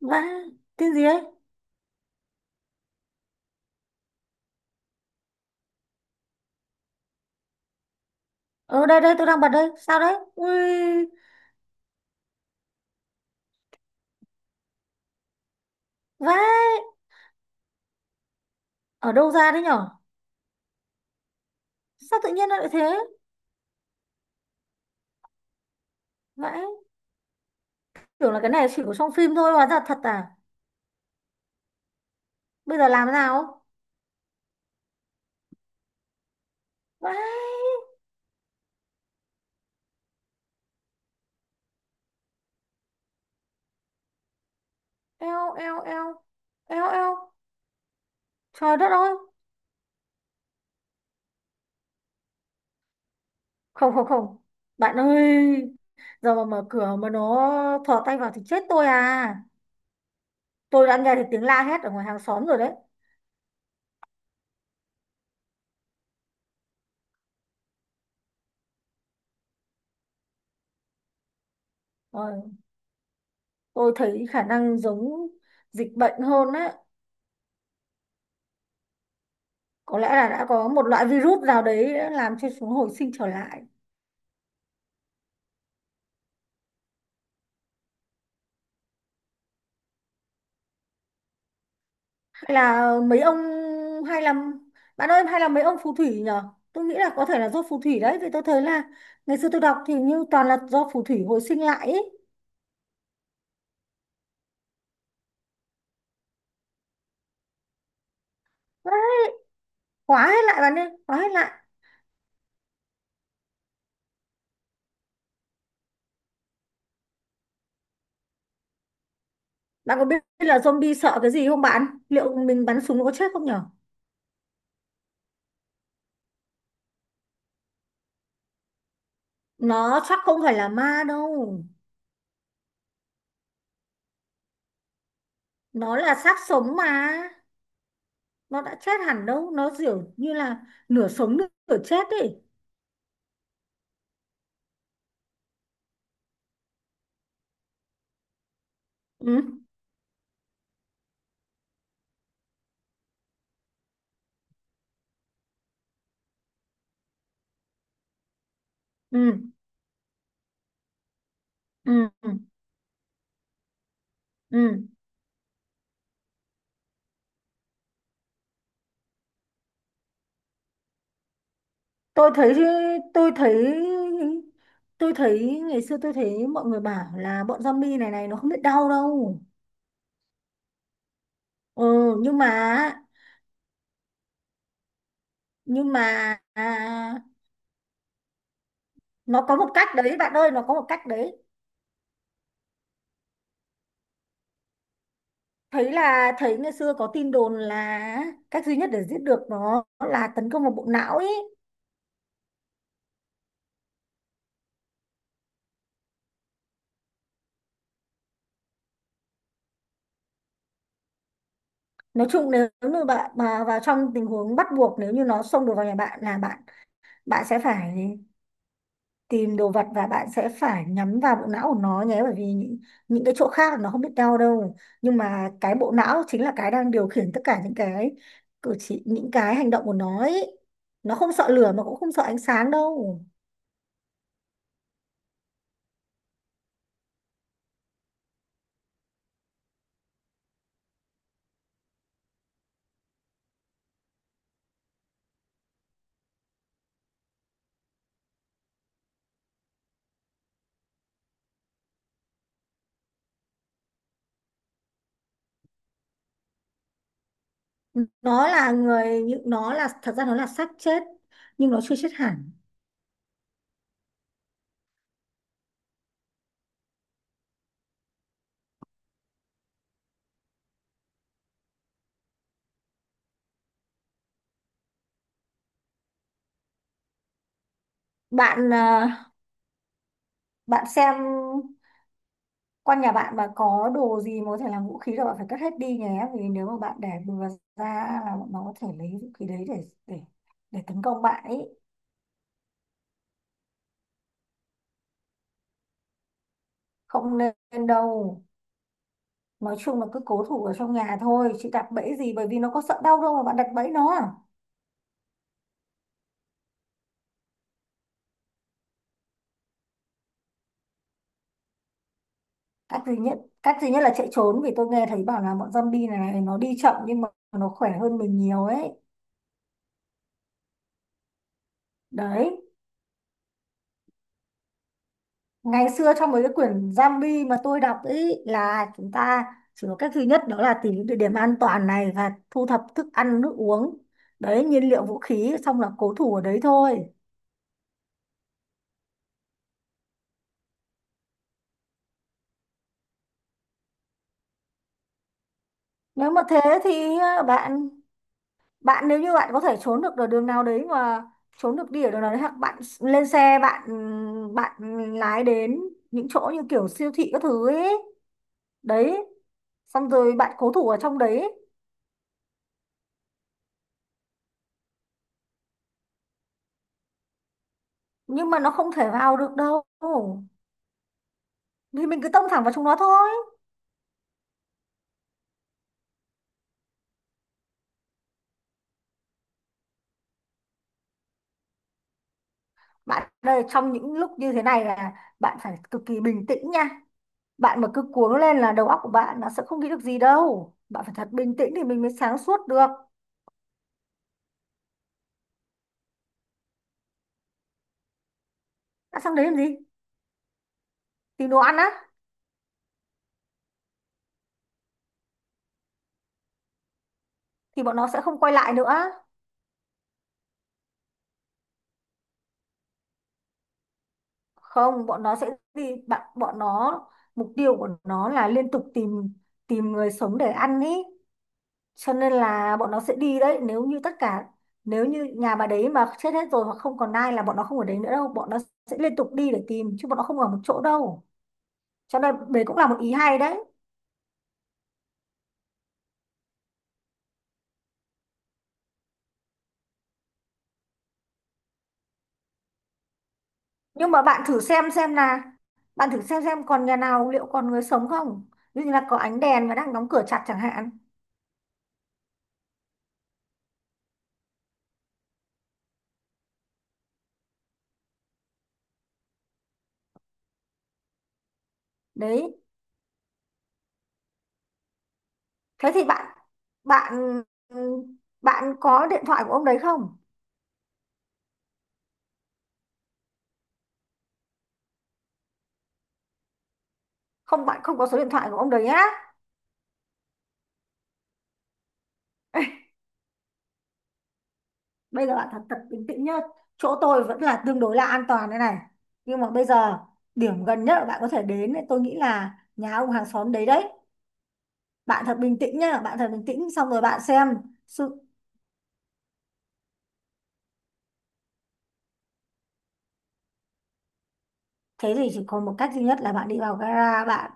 Vãi. Cái gì ấy? Ờ, đây đây, tôi đang bật đây. Sao đấy? Ui. Vãi. Ở đâu ra đấy nhở? Sao tự nhiên nó lại thế? Vãi. Tưởng là cái này chỉ có trong phim thôi, hóa ra thật à? Bây giờ làm thế nào? Vãi. Eo eo eo. Eo eo. Trời đất ơi. Không, không, không. Bạn ơi, giờ mà mở cửa mà nó thò tay vào thì chết tôi à. Tôi đã nghe thấy tiếng la hét ở ngoài hàng xóm rồi đấy. Rồi, tôi thấy khả năng giống dịch bệnh hơn đấy. Có lẽ là đã có một loại virus nào đấy đã làm cho chúng hồi sinh trở lại. Hay là mấy ông hay là Bạn ơi, hay là mấy ông phù thủy nhở? Tôi nghĩ là có thể là do phù thủy đấy, vì tôi thấy là ngày xưa tôi đọc thì như toàn là do phù thủy hồi sinh lại ý. Quá. Khóa hết lại bạn ơi, khóa hết lại. Bạn có biết là zombie sợ cái gì không? Bạn liệu mình bắn súng nó có chết không nhở? Nó chắc không phải là ma đâu. Nó là xác sống mà. Nó đã chết hẳn đâu, nó kiểu như là nửa sống nửa chết ấy. Ừ, ừ, ừ, ừ, ừ. tôi thấy tôi thấy tôi thấy ngày xưa tôi thấy mọi người bảo là bọn zombie này này nó không biết đau đâu. Ừ. nhưng mà nhưng mà à, nó có một cách đấy bạn ơi, nó có một cách đấy. Thấy ngày xưa có tin đồn là cách duy nhất để giết được nó là tấn công vào bộ não ấy. Nói chung nếu như bạn mà vào trong tình huống bắt buộc, nếu như nó xông được vào nhà bạn là bạn bạn sẽ phải tìm đồ vật và bạn sẽ phải nhắm vào bộ não của nó nhé, bởi vì những cái chỗ khác nó không biết đau đâu, nhưng mà cái bộ não chính là cái đang điều khiển tất cả những cái cử chỉ những cái hành động của nó ấy. Nó không sợ lửa mà cũng không sợ ánh sáng đâu. Nó là người những nó là, thật ra nó là xác chết. Nhưng nó chưa chết hẳn. Bạn à, bạn xem quanh nhà bạn mà có đồ gì mà có thể làm vũ khí là bạn phải cất hết đi nhé, vì nếu mà bạn để bừa ra là bọn nó có thể lấy vũ khí đấy để tấn công bạn ấy. Không nên đâu. Nói chung là cứ cố thủ ở trong nhà thôi, chị đặt bẫy gì, bởi vì nó có sợ đau đâu mà bạn đặt bẫy nó à? cách duy nhất Cách duy nhất là chạy trốn, vì tôi nghe thấy bảo là bọn zombie này, này nó đi chậm nhưng mà nó khỏe hơn mình nhiều ấy. Đấy. Ngày xưa trong mấy cái quyển zombie mà tôi đọc ấy là chúng ta chỉ có cách duy nhất đó là tìm những địa điểm an toàn này và thu thập thức ăn nước uống. Đấy, nhiên liệu vũ khí, xong là cố thủ ở đấy thôi. Nếu mà thế thì bạn bạn nếu như bạn có thể trốn được ở đường nào đấy mà trốn được đi ở đường nào đấy, hoặc bạn lên xe, bạn bạn lái đến những chỗ như kiểu siêu thị các thứ ấy. Đấy, xong rồi bạn cố thủ ở trong đấy. Nhưng mà nó không thể vào được đâu. Thì mình cứ tông thẳng vào chúng nó thôi. Bạn ơi, trong những lúc như thế này là bạn phải cực kỳ bình tĩnh nha. Bạn mà cứ cuống lên là đầu óc của bạn nó sẽ không nghĩ được gì đâu, bạn phải thật bình tĩnh thì mình mới sáng suốt được. Đã sang đấy làm gì? Tìm đồ ăn á? Thì bọn nó sẽ không quay lại nữa. Không bọn nó sẽ gì bạn Bọn nó, mục tiêu của nó là liên tục tìm tìm người sống để ăn ý. Cho nên là bọn nó sẽ đi đấy, nếu như nhà bà đấy mà chết hết rồi hoặc không còn ai là bọn nó không ở đấy nữa đâu, bọn nó sẽ liên tục đi để tìm chứ bọn nó không ở một chỗ đâu. Cho nên đấy cũng là một ý hay đấy. Nhưng mà bạn thử xem còn nhà nào liệu còn người sống không? Ví dụ như là có ánh đèn và đang đóng cửa chặt chẳng hạn. Đấy. Thế thì bạn bạn bạn có điện thoại của ông đấy không? Không, bạn không có số điện thoại của ông đấy nhá. Bây giờ bạn thật thật bình tĩnh nhá. Chỗ tôi vẫn là tương đối là an toàn đây này. Nhưng mà bây giờ điểm gần nhất là bạn có thể đến thì tôi nghĩ là nhà ông hàng xóm đấy đấy. Bạn thật bình tĩnh nhá, bạn thật bình tĩnh xong rồi bạn xem sự thế thì chỉ có một cách duy nhất là bạn đi vào gara, bạn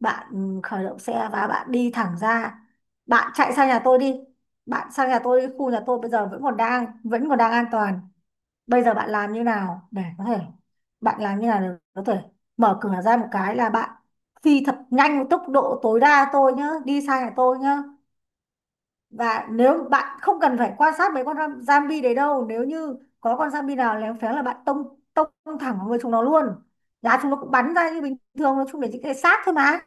bạn ừ, khởi động xe và bạn đi thẳng ra, bạn chạy sang nhà tôi đi, bạn sang nhà tôi đi, khu nhà tôi bây giờ vẫn còn đang an toàn. Bây giờ bạn làm như nào để có thể mở cửa ra một cái là bạn phi thật nhanh với tốc độ tối đa tôi nhá, đi sang nhà tôi nhá. Và nếu bạn không cần phải quan sát mấy con zombie đấy đâu, nếu như có con zombie nào léo phéng là bạn tông tông thẳng vào người chúng nó luôn. Là chúng nó cũng bắn ra như bình thường, nó chung để những cái xác thôi mà.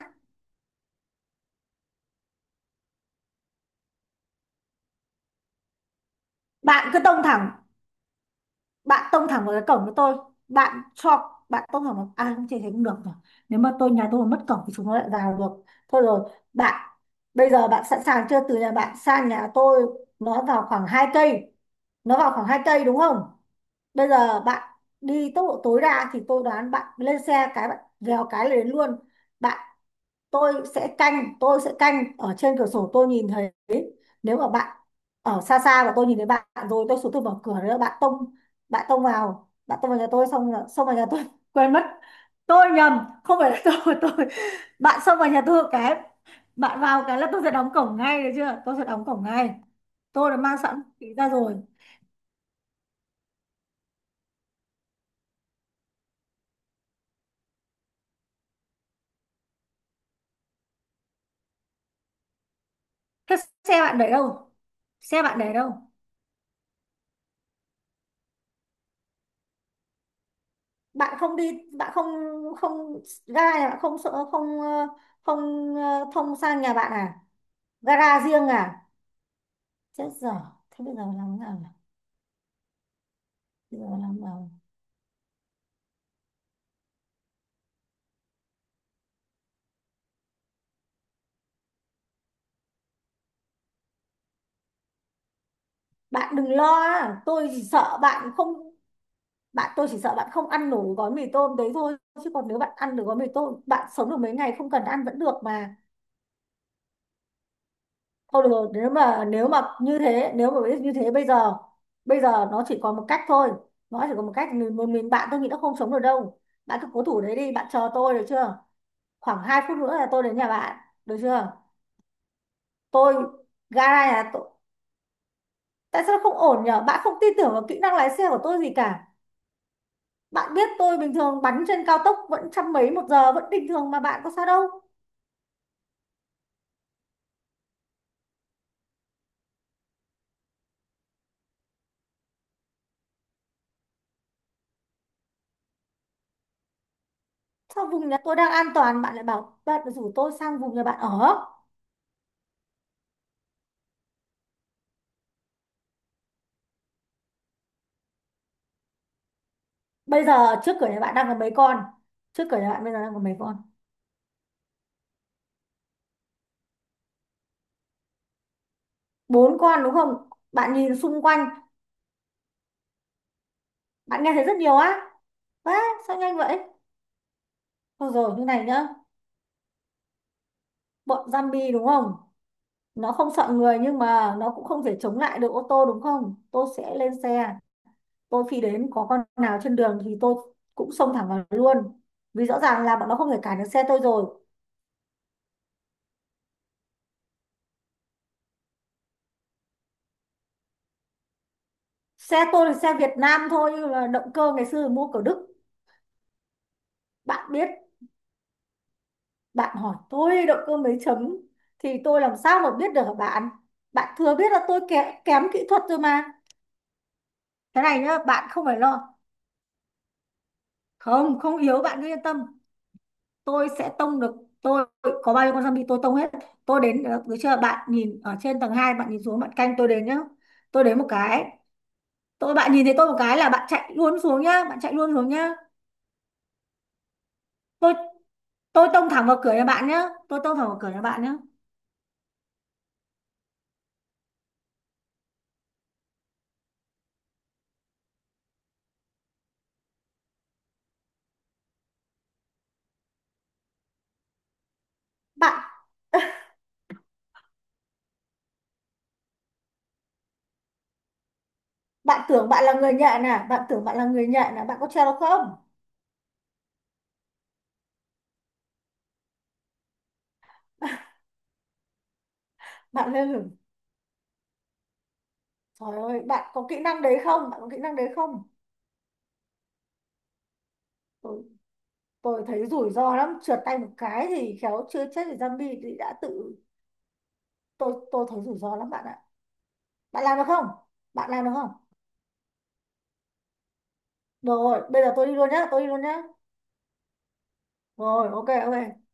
bạn cứ tông thẳng Bạn tông thẳng vào cái cổng của tôi. Bạn cho bạn tông thẳng vào, à không, chỉ thấy cũng được rồi. Nếu mà nhà tôi mà mất cổng thì chúng nó lại vào được. Thôi rồi bạn, bây giờ bạn sẵn sàng chưa? Từ nhà bạn sang nhà tôi, nó vào khoảng hai cây nó vào khoảng hai cây đúng không? Bây giờ bạn đi tốc độ tối đa thì tôi đoán bạn lên xe cái bạn vèo cái là đến luôn bạn. Tôi sẽ canh ở trên cửa sổ, tôi nhìn thấy. Nếu mà bạn ở xa xa và tôi nhìn thấy bạn rồi, tôi xuống, tôi mở cửa nữa, bạn tông vào nhà tôi xong là xông vào nhà tôi. Quên mất, tôi nhầm, không phải là tôi. tôi Bạn xông vào nhà tôi một cái. Bạn vào cái là tôi sẽ đóng cổng ngay, được chưa? Tôi sẽ đóng cổng ngay. Tôi đã mang sẵn vũ khí ra rồi. Thế xe bạn để đâu? Xe bạn để đâu? Bạn không đi, bạn không, không ga nhà bạn không, sợ không, không, thông sang nhà bạn à? Gara riêng à? Chết giờ. Thế bây giờ làm thế nào nhỉ? Bây giờ làm thế nào? Bạn đừng lo á, tôi chỉ sợ bạn không ăn nổi gói mì tôm đấy thôi. Chứ còn nếu bạn ăn được gói mì tôm, bạn sống được mấy ngày không cần ăn vẫn được mà. Thôi được, nếu mà như thế, nếu mà biết như thế, bây giờ nó chỉ còn một cách thôi. Nó chỉ còn một cách, bạn, tôi nghĩ nó không sống được đâu. Bạn cứ cố thủ đấy đi, bạn chờ tôi được chưa? Khoảng 2 phút nữa là tôi đến nhà bạn, được chưa? Tôi, gara nhà tôi, tại sao nó không ổn nhở? Bạn không tin tưởng vào kỹ năng lái xe của tôi gì cả. Bạn biết tôi bình thường bắn trên cao tốc vẫn trăm mấy một giờ, vẫn bình thường mà bạn có sao đâu. Sao vùng nhà tôi đang an toàn, bạn lại bảo bạn rủ tôi sang vùng nhà bạn ở. Bây giờ trước cửa nhà bạn đang có mấy con? Trước cửa nhà bạn bây giờ đang có mấy con? Bốn con đúng không? Bạn nhìn xung quanh, bạn nghe thấy rất nhiều á. Á, sao nhanh vậy? Thôi rồi như này nhá. Bọn zombie đúng không? Nó không sợ người nhưng mà nó cũng không thể chống lại được ô tô đúng không? Tôi sẽ lên xe, tôi phi đến có con nào trên đường thì tôi cũng xông thẳng vào luôn. Vì rõ ràng là bọn nó không thể cản được xe tôi rồi. Xe tôi là xe Việt Nam thôi nhưng mà động cơ ngày xưa mua của Đức. Bạn biết Bạn hỏi tôi động cơ mấy chấm thì tôi làm sao mà biết được hả bạn. Bạn thừa biết là tôi kém kỹ thuật rồi mà. Cái này nhá bạn không phải lo. Không, không yếu, bạn cứ yên tâm. Tôi sẽ tông được. tôi có bao nhiêu con zombie tôi tông hết. Tôi đến được, được chưa? Bạn nhìn ở trên tầng hai, bạn nhìn xuống, bạn canh tôi đến nhá. Tôi đến một cái, bạn nhìn thấy tôi một cái là bạn chạy luôn xuống nhá, bạn chạy luôn xuống nhá. Tôi tôi tông thẳng vào cửa nhà bạn nhá. Tôi tông thẳng vào cửa nhà bạn nhá. Bạn bạn tưởng bạn là người nhện à? Bạn tưởng bạn là người nhện à? Bạn có treo được không? Bạn lên rừng. Trời ơi, bạn có kỹ năng đấy không? Bạn có kỹ năng đấy không? Tôi, tôi thấy rủi ro lắm, trượt tay một cái thì khéo chưa chết thì zombie thì đã tự. Tôi thấy rủi ro lắm bạn ạ. Bạn làm được không? Bạn làm được không? Được rồi, bây giờ tôi đi luôn nhá, tôi đi luôn nhá. Rồi, ok, ok.